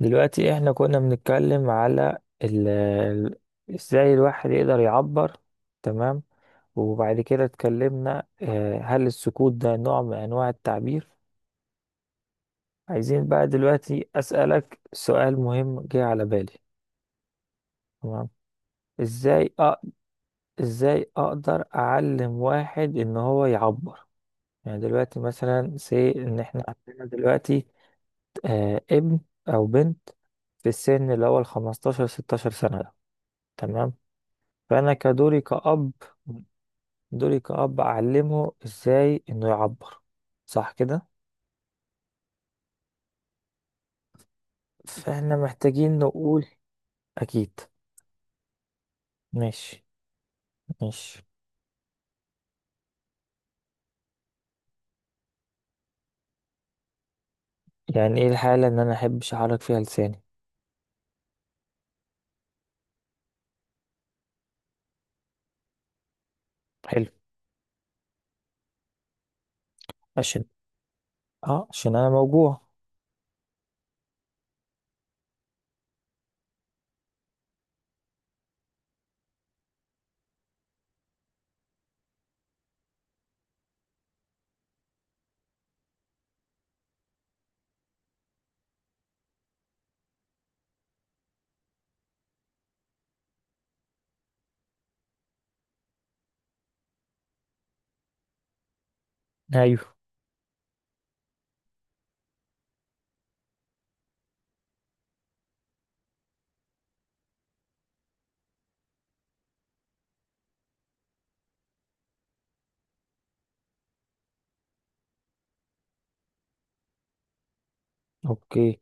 دلوقتي احنا كنا بنتكلم على ال- ال- ازاي الواحد يقدر يعبر. تمام. وبعد كده اتكلمنا هل السكوت ده نوع من انواع التعبير؟ عايزين بقى دلوقتي اسألك سؤال مهم جه على بالي. تمام. ازاي أ... ازاي اقدر اعلم واحد ان هو يعبر؟ يعني دلوقتي مثلا سي ان احنا عندنا دلوقتي ابن او بنت في السن اللي هو ال 15 16 سنة ده. تمام. فأنا كدوري كأب، دوري كأب أعلمه إزاي إنه يعبر، صح كده؟ فإحنا محتاجين نقول. أكيد. ماشي. ماشي. يعني إيه الحالة إن أنا أحبش أحرك فيها لساني؟ حلو. عشان عشان أنا موجوع. أيوه. أوكي.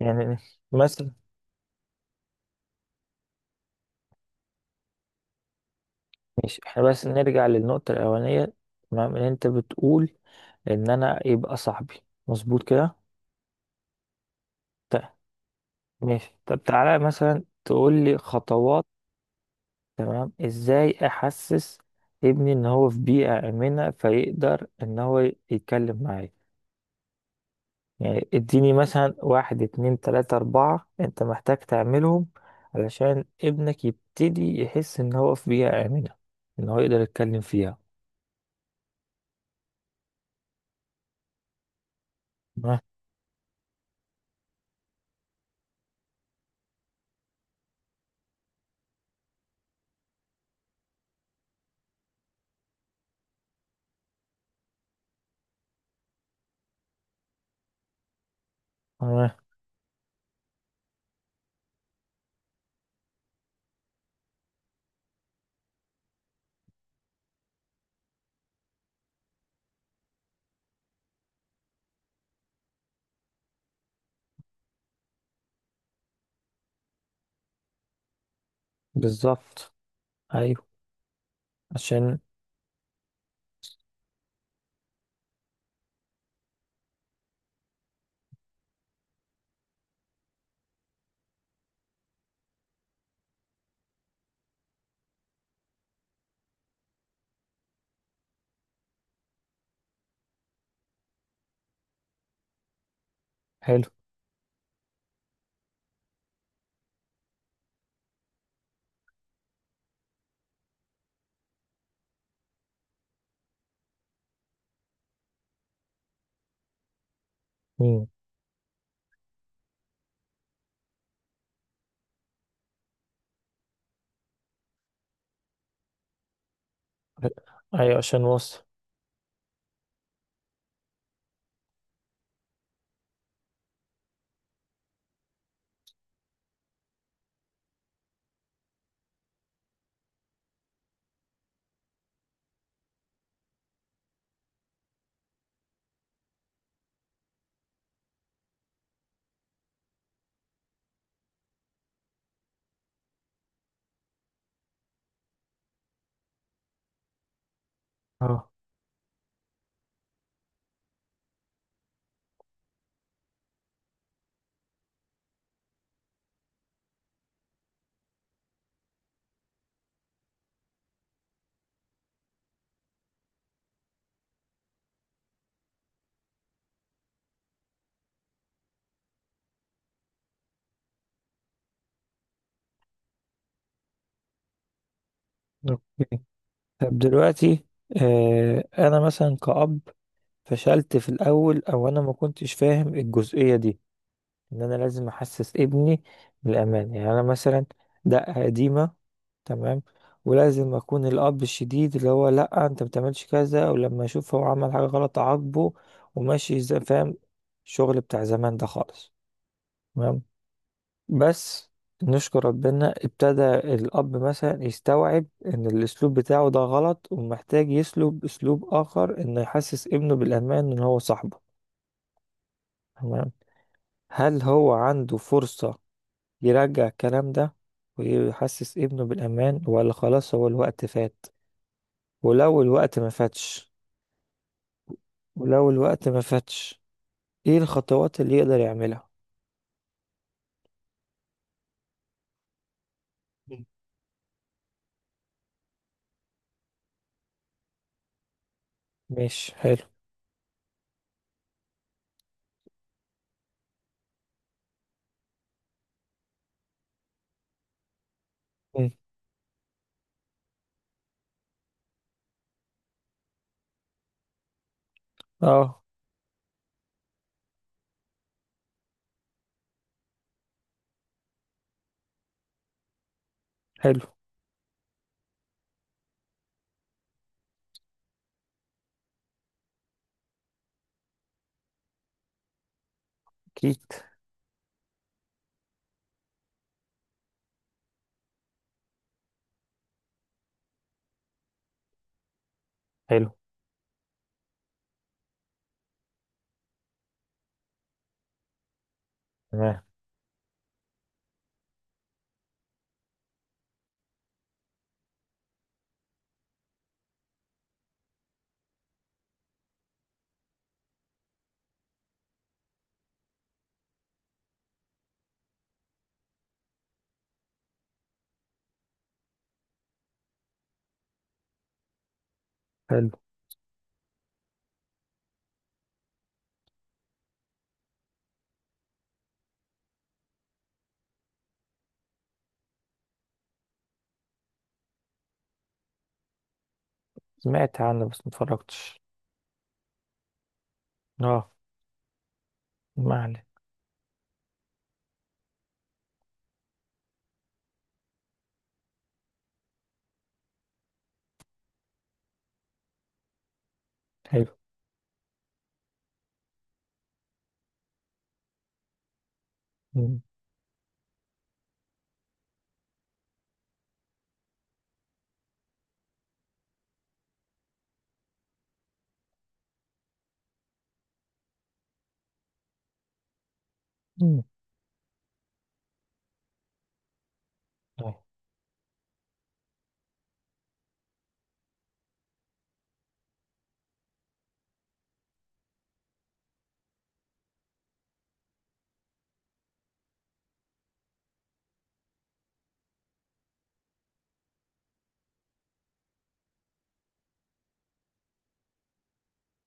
يعني مثلا. ماشي، إحنا بس نرجع للنقطة الأولانية. تمام، إن أنت بتقول إن أنا يبقى صاحبي، مظبوط كده؟ طيب. ماشي، طب تعالى مثلا تقول لي خطوات. تمام، ازاي احسس ابني ان هو في بيئة آمنة فيقدر ان هو يتكلم معايا؟ يعني اديني مثلا واحد، اتنين، تلاتة، اربعة انت محتاج تعملهم علشان ابنك يبتدي يحس ان هو في بيئة آمنة، ان هو يقدر يتكلم فيها. تمام. تمام. بالظبط. ايوه عشان. حلو. مم. ايوه عشان وصل. اه. اوكي، طب دلوقتي انا مثلا كأب فشلت في الاول، او انا ما كنتش فاهم الجزئيه دي، ان انا لازم احسس ابني بالامان. يعني انا مثلا دقه قديمه، تمام، ولازم اكون الاب الشديد اللي هو لا انت ما بتعملش كذا، ولما اشوف هو عمل حاجه غلط اعاقبه، وماشي زي، فاهم؟ الشغل بتاع زمان ده خالص. تمام. بس نشكر ربنا ابتدى الاب مثلا يستوعب ان الاسلوب بتاعه ده غلط، ومحتاج يسلب اسلوب اخر انه يحسس ابنه بالامان، ان هو صاحبه. تمام. هل هو عنده فرصة يرجع الكلام ده، ويحسس ابنه بالأمان، ولا خلاص هو الوقت فات؟ ولو الوقت ما فاتش. ولو الوقت ما فاتش، ايه الخطوات اللي يقدر يعملها؟ مم. مش حلو. مم. اه. حلو. اكيد. حلو. تمام. حلو. سمعت عنه بس متفرجتش. اه. ما عليه. حلو. مم. مم. طيب.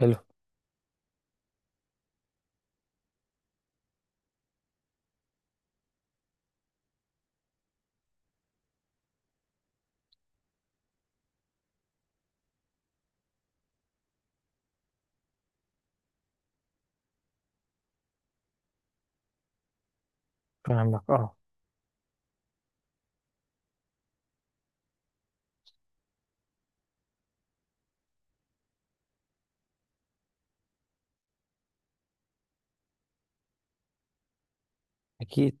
حلو. فاهمك اه. اكيد.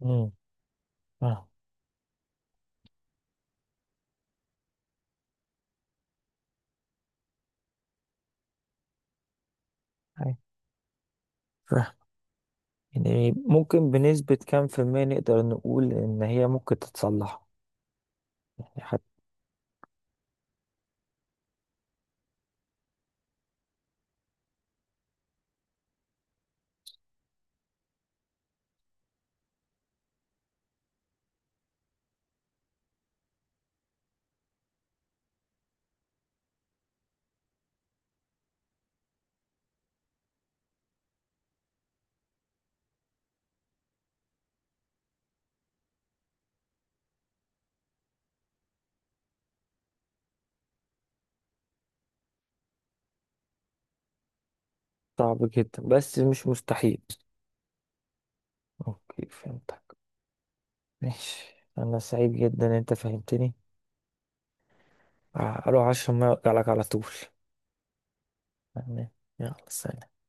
مم. اه. أيوة. يعني ممكن بنسبة كام في المية نقدر نقول إن هي ممكن تتصلح؟ يعني حتى. صعب جدا بس مش مستحيل. أوكي فهمتك. ماشي، أنا سعيد جدا إن أنت فهمتني. أروح أشرب مية وأرجع لك على طول. يعني. يلا سلام.